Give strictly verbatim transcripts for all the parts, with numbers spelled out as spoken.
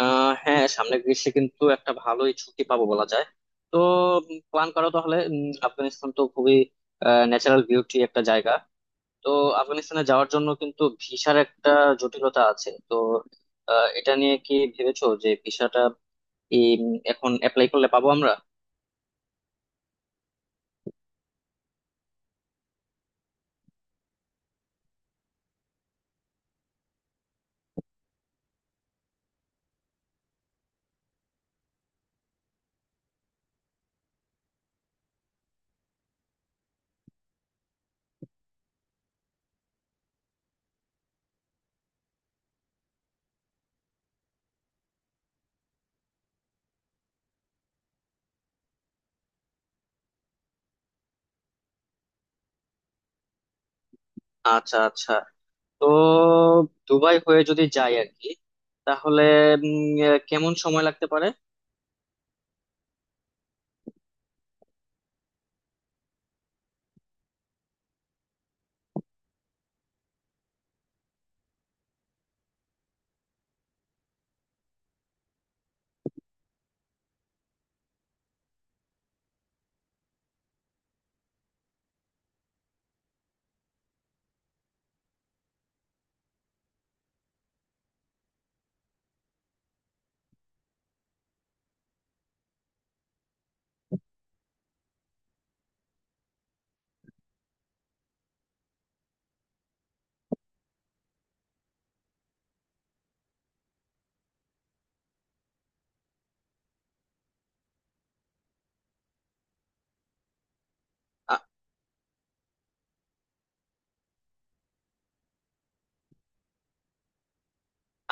আহ হ্যাঁ, সামনে গ্রীষ্মে কিন্তু একটা ভালোই ছুটি পাবো বলা যায়। তো প্ল্যান করো তাহলে। উম, আফগানিস্তান তো খুবই ন্যাচারাল বিউটি একটা জায়গা। তো আফগানিস্তানে যাওয়ার জন্য কিন্তু ভিসার একটা জটিলতা আছে। তো আহ, এটা নিয়ে কি ভেবেছো যে ভিসাটা কি, উম, এখন অ্যাপ্লাই করলে পাবো আমরা? আচ্ছা আচ্ছা। তো দুবাই হয়ে যদি যাই আর কি, তাহলে উম, আহ, কেমন সময় লাগতে পারে?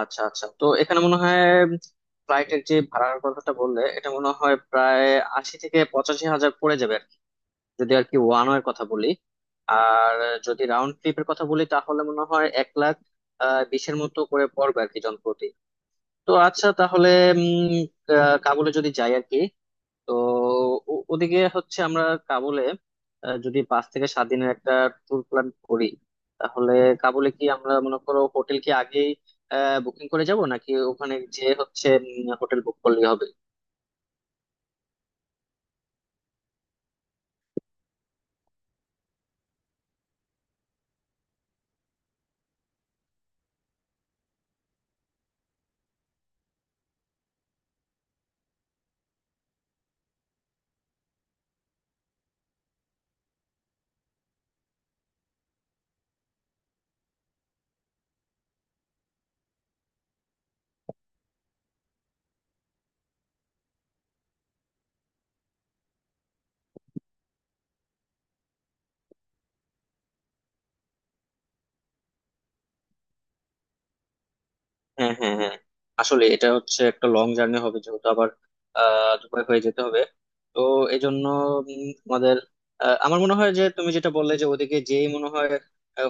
আচ্ছা আচ্ছা, তো এখানে মনে হয় ফ্লাইটের যে ভাড়ার কথাটা বললে এটা মনে হয় প্রায় আশি থেকে পঁচাশি হাজার পড়ে যাবে আর কি, যদি আর কি ওয়ান ওয়ের কথা বলি। আর যদি রাউন্ড ট্রিপের কথা বলি তাহলে মনে হয় এক লাখ আহ বিশের মতো করে পড়বে আর কি, জনপ্রতি। তো আচ্ছা, তাহলে উম আহ, কাবুলে যদি যাই আর কি, তো ও- ওদিকে হচ্ছে আমরা কাবুলে আহ, যদি পাঁচ থেকে সাত দিনের একটা ট্যুর প্ল্যান করি, তাহলে কাবুলে কি আমরা মনে করো হোটেল কি আগেই বুকিং করে যাব, নাকি ওখানে যে হচ্ছে হোটেল বুক করলেই হবে? হ্যাঁ হ্যাঁ হ্যাঁ, আসলে এটা হচ্ছে একটা লং জার্নি হবে যেহেতু আবার আহ দুবাই হয়ে যেতে হবে। তো এই জন্য উম, আমাদের আহ, আমার মনে হয় যে তুমি যেটা বললে যে ওদিকে যেই মনে হয়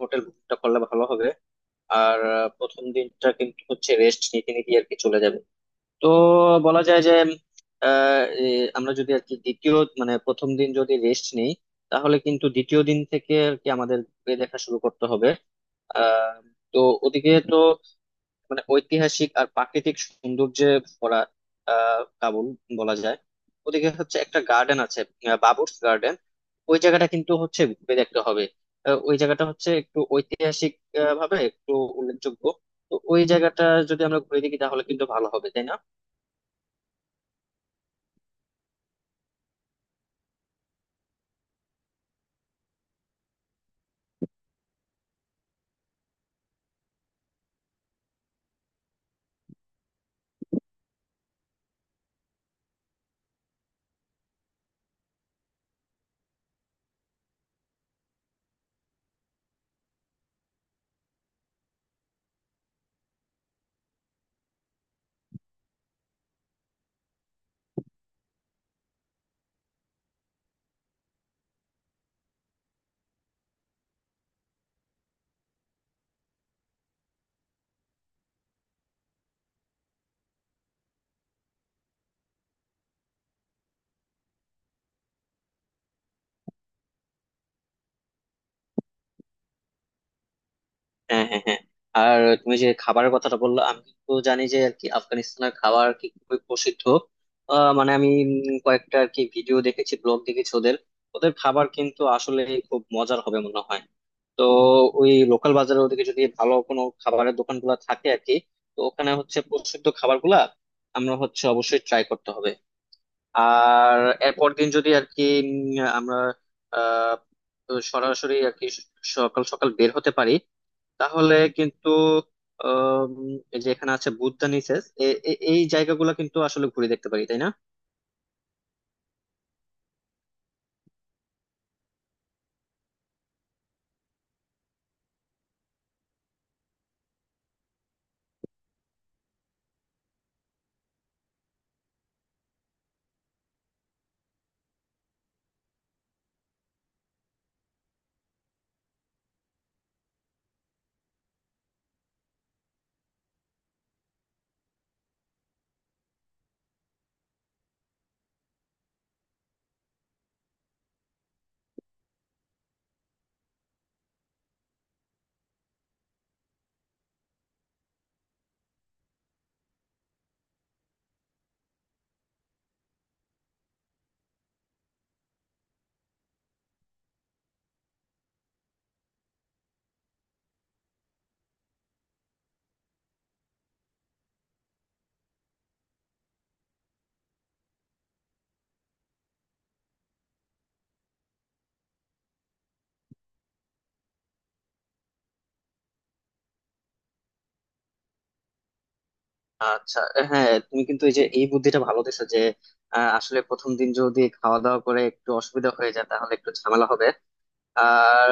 হোটেল বুকটা করলে ভালো হবে। আর আহ, প্রথম দিনটা কিন্তু হচ্ছে রেস্ট নিতে নিতে আর কি চলে যাবে। তো বলা যায় যে আহ, এ, আমরা যদি আর কি দ্বিতীয়, মানে প্রথম দিন যদি রেস্ট নেই তাহলে কিন্তু দ্বিতীয় দিন থেকে আর কি আমাদের ঘুরে দেখা শুরু করতে হবে। আহ তো ওদিকে তো মানে ঐতিহাসিক আর প্রাকৃতিক সৌন্দর্যে ভরা আহ কাবুল বলা যায়। ওদিকে হচ্ছে একটা গার্ডেন আছে, আহ, বাবুর্স গার্ডেন। ওই জায়গাটা কিন্তু হচ্ছে ঘুরে দেখতে হবে। আহ, ওই জায়গাটা হচ্ছে একটু ঐতিহাসিক আহ, ভাবে একটু উল্লেখযোগ্য। তো ওই জায়গাটা যদি আমরা ঘুরে দেখি তাহলে কিন্তু ভালো হবে, তাই না? হ্যাঁ হ্যাঁ হ্যাঁ। আর তুমি যে খাবারের কথাটা বললো, আমি তো জানি যে আর কি আফগানিস্তানের খাবার কি খুবই প্রসিদ্ধ। আহ, মানে আমি উম, কয়েকটা আর কি ভিডিও দেখেছি, ব্লগ দেখেছি ওদের। ওদের খাবার কিন্তু আসলে খুব মজার হবে মনে হয়। তো ওই লোকাল বাজারের ওদিকে যদি ভালো কোনো খাবারের দোকান গুলা থাকে আর কি, তো ওখানে হচ্ছে প্রসিদ্ধ খাবার গুলা আমরা হচ্ছে অবশ্যই ট্রাই করতে হবে। আর এরপর দিন যদি আর কি উম, আমরা আহ, তো সরাসরি আর কি সকাল সকাল বের হতে পারি, তাহলে কিন্তু আম, এই যে এখানে আছে বুদ্ধা নিসেস এ- এ- এই জায়গাগুলো কিন্তু আসলে ঘুরে দেখতে পারি, তাই না? আচ্ছা, হ্যাঁ তুমি কিন্তু এই যে এই বুদ্ধিটা ভালো দিছো যে আহ, আসলে প্রথম দিন যদি খাওয়া দাওয়া করে একটু অসুবিধা হয়ে যায় তাহলে একটু ঝামেলা হবে। আর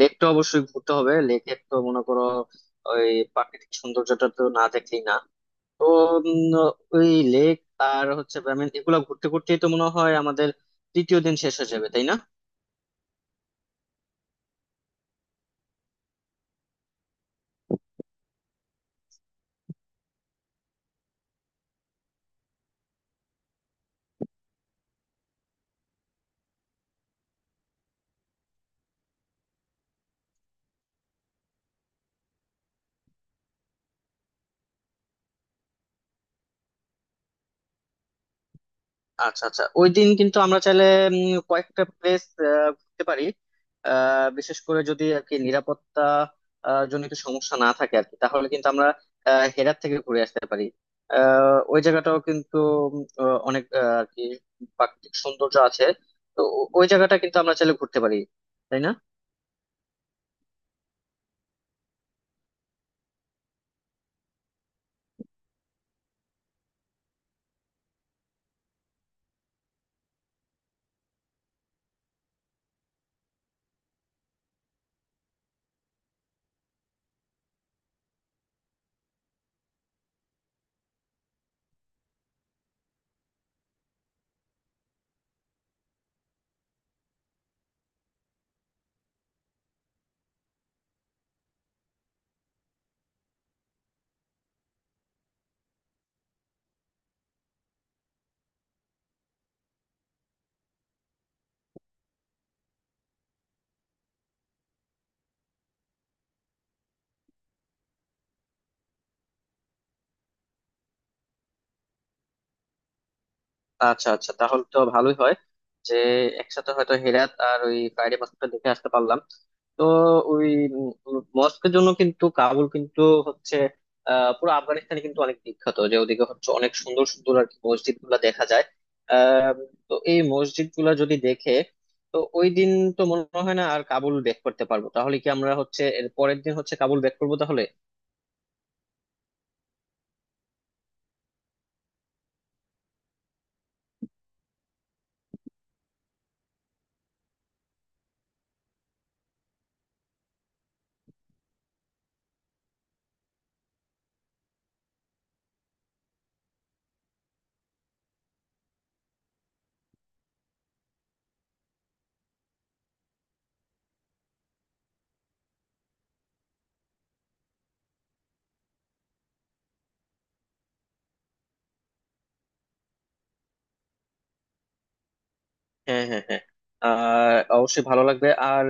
লেকটা অবশ্যই ঘুরতে হবে। লেকের তো মনে করো ওই প্রাকৃতিক সৌন্দর্যটা তো না দেখলেই না। তো উম, ওই লেক আর হচ্ছে I mean, এগুলা ঘুরতে ঘুরতেই তো মনে হয় আমাদের তৃতীয় দিন শেষ হয়ে যাবে, তাই না? আচ্ছা আচ্ছা, ওই দিন কিন্তু আমরা চাইলে উম, কয়েকটা প্লেস ঘুরতে পারি। আহ, বিশেষ করে যদি আর কি নিরাপত্তা আহ, জনিত সমস্যা না থাকে আর কি, তাহলে কিন্তু আমরা আহ, হেরাত থেকে ঘুরে আসতে পারি। আহ, ওই জায়গাটাও কিন্তু উম, আহ, অনেক আহ, আর কি প্রাকৃতিক সৌন্দর্য আছে। তো ও- ওই জায়গাটা কিন্তু আমরা চাইলে ঘুরতে পারি, তাই না? আচ্ছা আচ্ছা, তাহলে তো ভালোই হয় যে একসাথে হয়তো হেরাত আর ওই ফ্রাইডে মস্কটা দেখে আসতে পারলাম। তো ওই মস্কের জন্য কিন্তু কাবুল কিন্তু হচ্ছে আহ পুরো আফগানিস্তানে কিন্তু অনেক বিখ্যাত, যে ওদিকে হচ্ছে অনেক সুন্দর সুন্দর আর কি মসজিদ গুলা দেখা যায়। আহ তো এই মসজিদ গুলা যদি দেখে তো ওই দিন তো মনে হয় না আর কাবুল ব্যাক করতে পারবো। তাহলে কি আমরা হচ্ছে এর পরের দিন হচ্ছে কাবুল ব্যাক করবো তাহলে? হ্যাঁ হ্যাঁ হ্যাঁ, আর অবশ্যই ভালো লাগবে। আর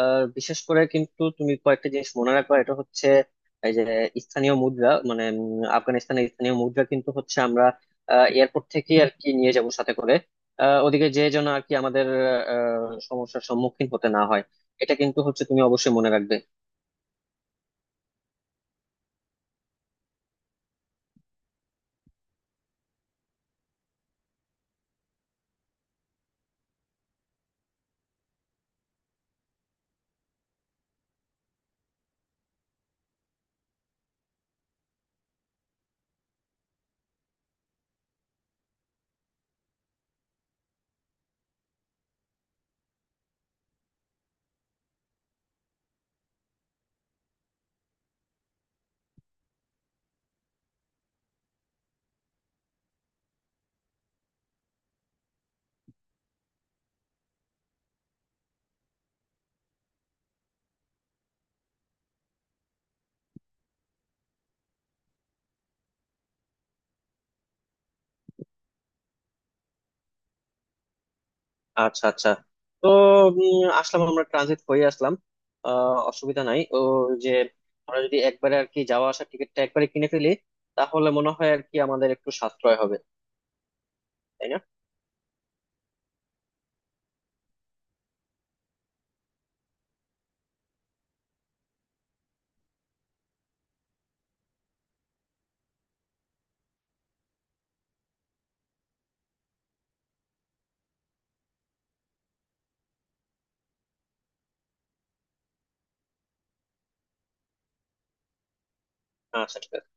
আহ, বিশেষ করে কিন্তু তুমি কয়েকটা জিনিস মনে রাখবা এটা হচ্ছে এই যে স্থানীয় মুদ্রা, মানে উম, আফগানিস্তানের স্থানীয় মুদ্রা কিন্তু হচ্ছে আমরা এয়ারপোর্ট থেকে আর কি নিয়ে যাব সাথে করে। আহ, ওদিকে যে যেন আর কি আমাদের আহ, সমস্যার সম্মুখীন হতে না হয়, এটা কিন্তু হচ্ছে তুমি অবশ্যই মনে রাখবে। আচ্ছা আচ্ছা, তো উম, আসলাম আমরা ট্রানজিট হয়ে আসলাম, আহ, অসুবিধা নাই, ও যে আমরা যদি একবারে আর কি যাওয়া আসার টিকিটটা একবারে কিনে ফেলি তাহলে মনে হয় আর কি আমাদের একটু সাশ্রয় হবে, তাই না? আচ্ছা, ঠিক আছে।